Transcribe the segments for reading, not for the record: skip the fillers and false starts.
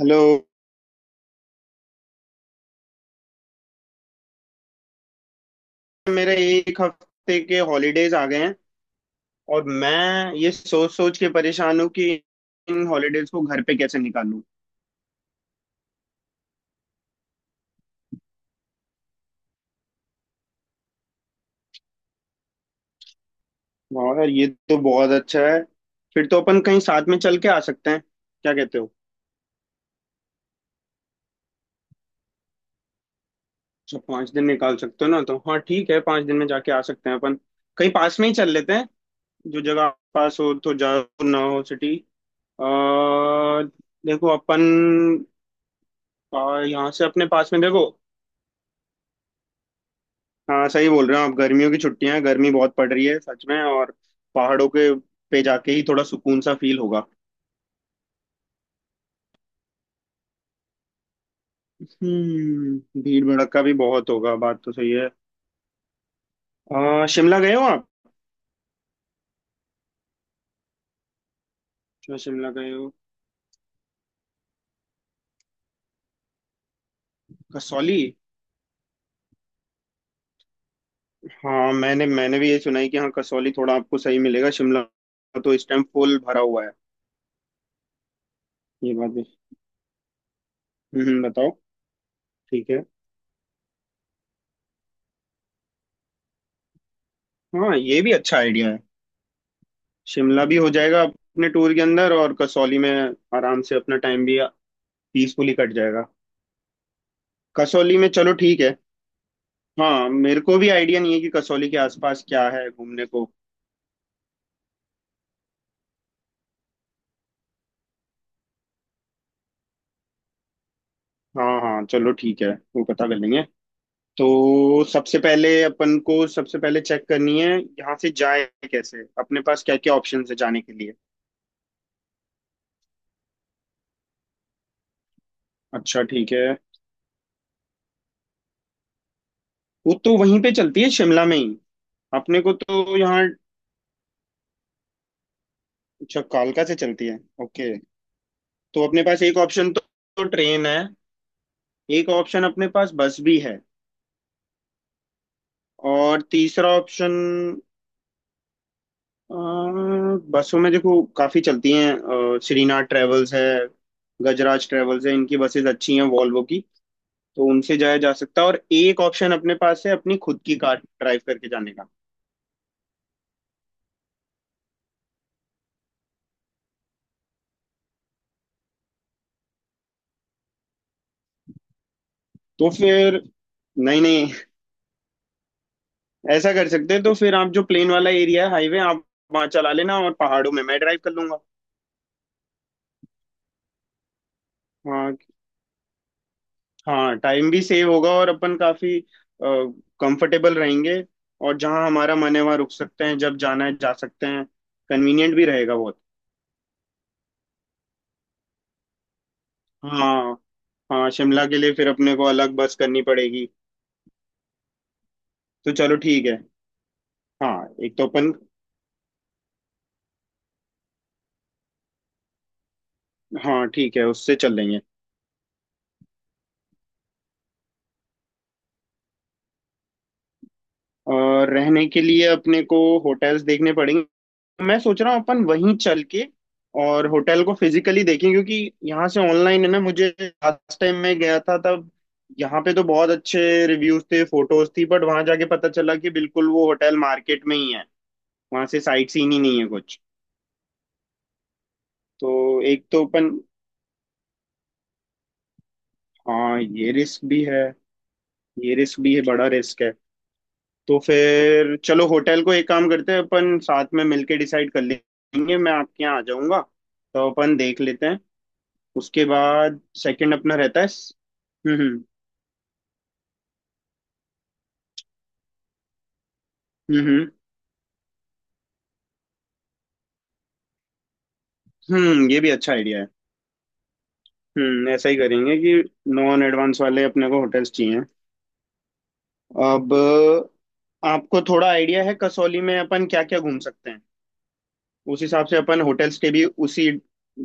Hello. मेरे एक हफ्ते के हॉलीडेज आ गए हैं। और मैं ये सोच सोच के परेशान हूँ कि इन हॉलीडेज को घर पे कैसे निकालूं। वाह यार, ये तो बहुत अच्छा है। फिर तो अपन कहीं साथ में चल के आ सकते हैं, क्या कहते हो? अच्छा, 5 दिन निकाल सकते हो ना? तो हाँ, ठीक है, 5 दिन में जाके आ सकते हैं अपन। कहीं पास में ही चल लेते हैं। जो जगह पास हो तो ज्यादा ना हो सिटी। आ, देखो अपन। यहाँ से अपने पास में देखो। हाँ, सही बोल रहे हो आप, गर्मियों की छुट्टियां हैं, गर्मी बहुत पड़ रही है सच में। और पहाड़ों के पे जाके ही थोड़ा सुकून सा फील होगा। भीड़ भड़क्का भी बहुत होगा, बात तो सही है। शिमला गए हो आप? अच्छा, शिमला गए हो। कसौली। हाँ, मैंने मैंने भी ये सुना है कि हाँ, कसौली थोड़ा आपको सही मिलेगा, शिमला तो इस टाइम फुल भरा हुआ है। ये बात भी। हम्म, बताओ। ठीक है। हाँ, ये भी अच्छा आइडिया है। शिमला भी हो जाएगा अपने टूर के अंदर, और कसौली में आराम से अपना टाइम भी पीसफुली कट जाएगा। कसौली में चलो, ठीक है। हाँ, मेरे को भी आइडिया नहीं है कि कसौली के आसपास क्या है घूमने को। हाँ, हाँ, चलो ठीक है, वो पता कर लेंगे। तो सबसे पहले अपन को सबसे पहले चेक करनी है यहाँ से जाए कैसे, अपने पास क्या क्या ऑप्शन है जाने के लिए। अच्छा, ठीक है। वो तो वहीं पे चलती है, शिमला में ही। अपने को तो यहाँ। अच्छा, कालका से चलती है, ओके। तो अपने पास एक ऑप्शन तो ट्रेन है। एक ऑप्शन अपने पास बस भी है। और तीसरा ऑप्शन अ, बसों में देखो काफी चलती हैं। श्रीनाथ ट्रेवल्स है, गजराज ट्रेवल्स है, इनकी बसेस अच्छी हैं वॉल्वो की। तो उनसे जाया जा सकता है, और एक ऑप्शन अपने पास है अपनी खुद की कार ड्राइव करके जाने का। तो फिर नहीं, नहीं, ऐसा कर सकते हैं। तो फिर आप जो प्लेन वाला एरिया है हाईवे, आप वहाँ चला लेना, और पहाड़ों में मैं ड्राइव कर लूंगा। हाँ। हाँ, टाइम भी सेव होगा और अपन काफी कंफर्टेबल रहेंगे, और जहाँ हमारा मन है वहाँ रुक सकते हैं, जब जाना है जा सकते हैं, कन्वीनियंट भी रहेगा बहुत। हाँ। हाँ, शिमला के लिए फिर अपने को अलग बस करनी पड़ेगी। तो चलो, ठीक है। हाँ, एक तो अपन। हाँ, ठीक है, उससे चल लेंगे। और रहने के लिए अपने को होटल्स देखने पड़ेंगे। मैं सोच रहा हूँ अपन वहीं चल के और होटल को फिजिकली देखें, क्योंकि यहाँ से ऑनलाइन है ना, मुझे लास्ट टाइम मैं गया था तब, यहाँ पे तो बहुत अच्छे रिव्यूज थे, फोटोज थी, बट वहां जाके पता चला कि बिल्कुल वो होटल मार्केट में ही है, वहां से साइट सीन ही नहीं है कुछ। तो एक तो अपन। हाँ, ये रिस्क भी है, ये रिस्क भी है, बड़ा रिस्क है। तो फिर चलो होटल को एक काम करते हैं, अपन साथ में मिलके डिसाइड कर लेंगे, मैं आपके यहाँ आ जाऊंगा। तो अपन देख लेते हैं। उसके बाद सेकंड अपना रहता है हम्म, हम्म, हम्म, हम्म। ये भी अच्छा आइडिया है। ऐसा ही करेंगे कि नॉन एडवांस वाले अपने को होटल्स चाहिए। अब आपको थोड़ा आइडिया है कसौली में अपन क्या क्या घूम सकते हैं? उस हिसाब से अपन होटल्स के भी उसी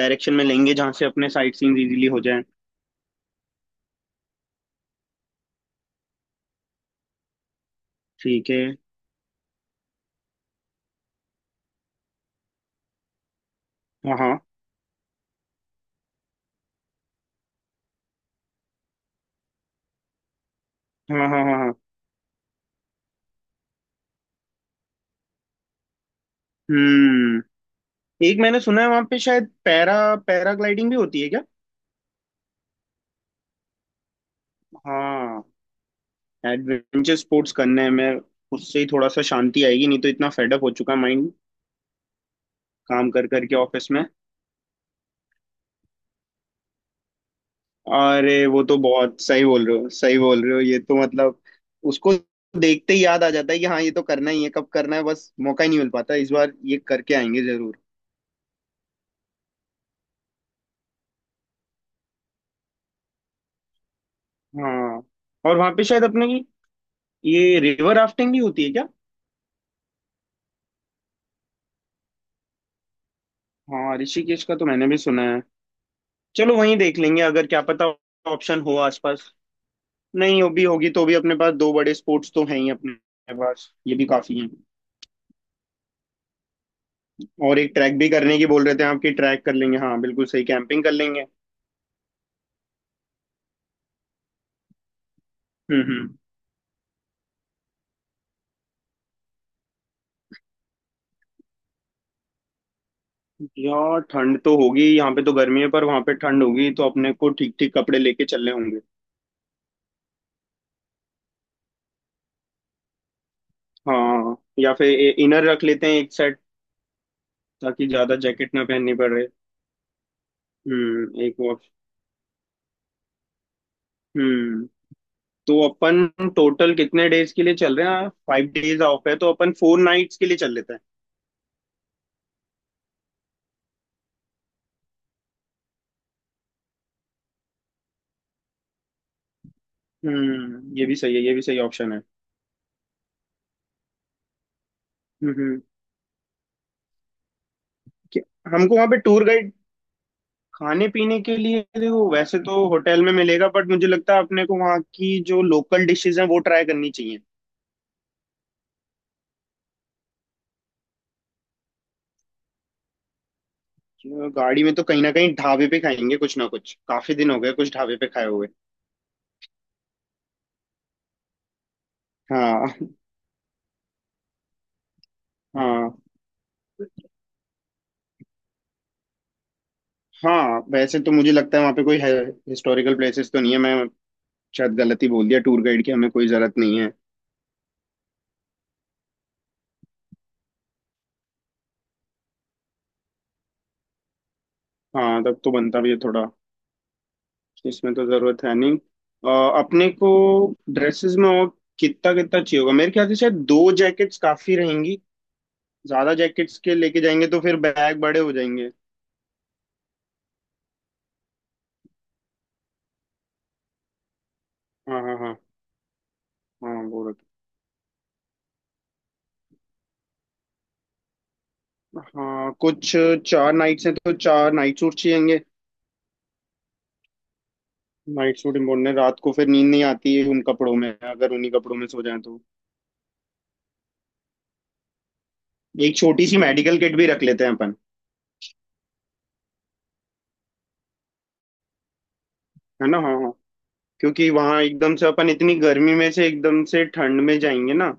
डायरेक्शन में लेंगे, जहाँ से अपने साइट सीइंग इजीली हो जाए। ठीक है। हाँ, हाँ, हाँ, हाँ। हाँ, हाँ। हम्म एक मैंने सुना है वहां पे शायद पैराग्लाइडिंग भी होती है क्या? हाँ। एडवेंचर स्पोर्ट्स करने में उससे ही थोड़ा सा शांति आएगी, नहीं तो इतना फेडअप हो चुका है माइंड, काम कर करके ऑफिस में। अरे वो तो बहुत सही बोल रहे हो, सही बोल रहे हो, ये तो मतलब उसको देखते ही याद आ जाता है कि हाँ, ये तो करना ही है, कब करना है, बस मौका ही नहीं मिल पाता, इस बार ये करके आएंगे जरूर। हाँ। और वहां पे शायद अपने की ये रिवर राफ्टिंग भी होती है क्या? हाँ, ऋषिकेश का तो मैंने भी सुना है। चलो वहीं देख लेंगे, अगर क्या पता ऑप्शन हो आसपास। नहीं हो भी होगी तो भी अपने पास दो बड़े स्पोर्ट्स तो हैं ही, अपने पास ये भी काफी हैं। और एक ट्रैक भी करने की बोल रहे थे आपकी, ट्रैक कर लेंगे, हाँ बिल्कुल सही, कैंपिंग कर लेंगे। हम्म, हम्म। यार ठंड तो होगी, यहाँ पे तो गर्मी है, पर वहां पे ठंड होगी, तो अपने को ठीक ठीक कपड़े लेके चलने होंगे। हाँ, या फिर इनर रख लेते हैं एक सेट, ताकि ज्यादा जैकेट ना पहननी पड़े। एक वॉश। तो अपन टोटल कितने डेज के लिए चल रहे हैं? 5 डेज ऑफ है, तो अपन 4 नाइट्स के लिए चल लेते हैं। ये भी सही है, ये भी सही ऑप्शन है। हम्म, हमको वहाँ पे टूर गाइड। खाने पीने के लिए देखो वैसे तो होटल में मिलेगा, बट मुझे लगता है अपने को वहाँ की जो लोकल डिशेज हैं वो ट्राई करनी चाहिए। जो गाड़ी में तो कहीं ना कहीं ढाबे पे खाएंगे कुछ ना कुछ, काफी दिन हो गए कुछ ढाबे पे खाए हुए। हाँ। हाँ, हाँ। वैसे तो मुझे लगता है वहाँ पे कोई हिस्टोरिकल प्लेसेस तो नहीं है, मैं शायद गलती बोल दिया, टूर गाइड की हमें कोई जरूरत नहीं है। हाँ, तब तो बनता भी है थोड़ा। इसमें तो जरूरत है नहीं। अ, अपने को ड्रेसेस में और कितना कितना चाहिए होगा? मेरे ख्याल से शायद दो जैकेट्स काफी रहेंगी। ज्यादा जैकेट्स के लेके जाएंगे तो फिर बैग बड़े हो जाएंगे। हाँ, हाँ, हाँ, हाँ। वो रख हाँ कुछ 4 नाइट्स हैं, तो चार नाइट सूट चाहिएंगे। नाइट सूट इम्पोर्टेंट है, रात को फिर नींद नहीं आती है उन कपड़ों में, अगर उन्हीं कपड़ों में सो जाए तो। एक छोटी सी मेडिकल किट भी रख लेते हैं अपन। है ना? हाँ, हाँ। क्योंकि वहां एकदम से अपन इतनी गर्मी में से एकदम से ठंड में जाएंगे ना,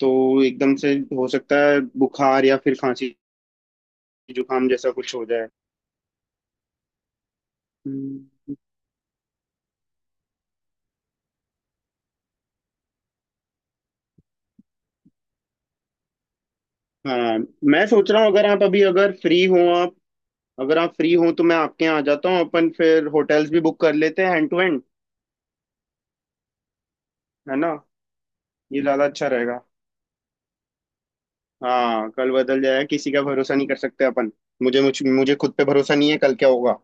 तो एकदम से हो सकता है बुखार या फिर खांसी जुकाम जैसा कुछ हो जाए। हम्म। हाँ, मैं सोच रहा हूँ अगर आप अभी अगर फ्री हो आप। अगर आप फ्री हो तो मैं आपके यहाँ आ जाता हूँ, अपन फिर होटल्स भी बुक कर लेते हैं हैंड टू हैंड। है ना? ये ज्यादा अच्छा रहेगा। हाँ, कल बदल जाएगा, किसी का भरोसा नहीं कर सकते अपन। मुझे खुद पे भरोसा नहीं है कल क्या होगा।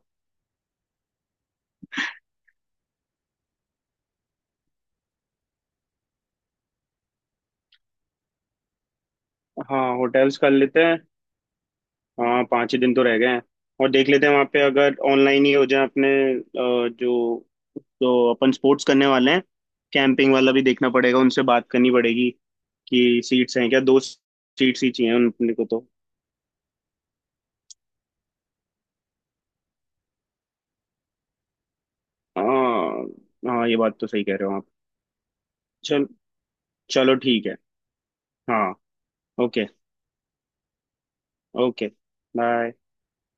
हाँ, होटल्स कर लेते हैं। हाँ, पाँच ही दिन तो रह गए हैं। और देख लेते हैं वहाँ पे अगर ऑनलाइन ही हो जाए अपने जो जो अपन स्पोर्ट्स करने वाले हैं। कैंपिंग वाला भी देखना पड़ेगा, उनसे बात करनी पड़ेगी कि सीट्स हैं क्या, दो सीट्स ही चाहिए उन अपने को तो। हाँ, हाँ, ये बात तो सही कह रहे हो आप। चल चलो ठीक है। हाँ। Okay, okay, bye.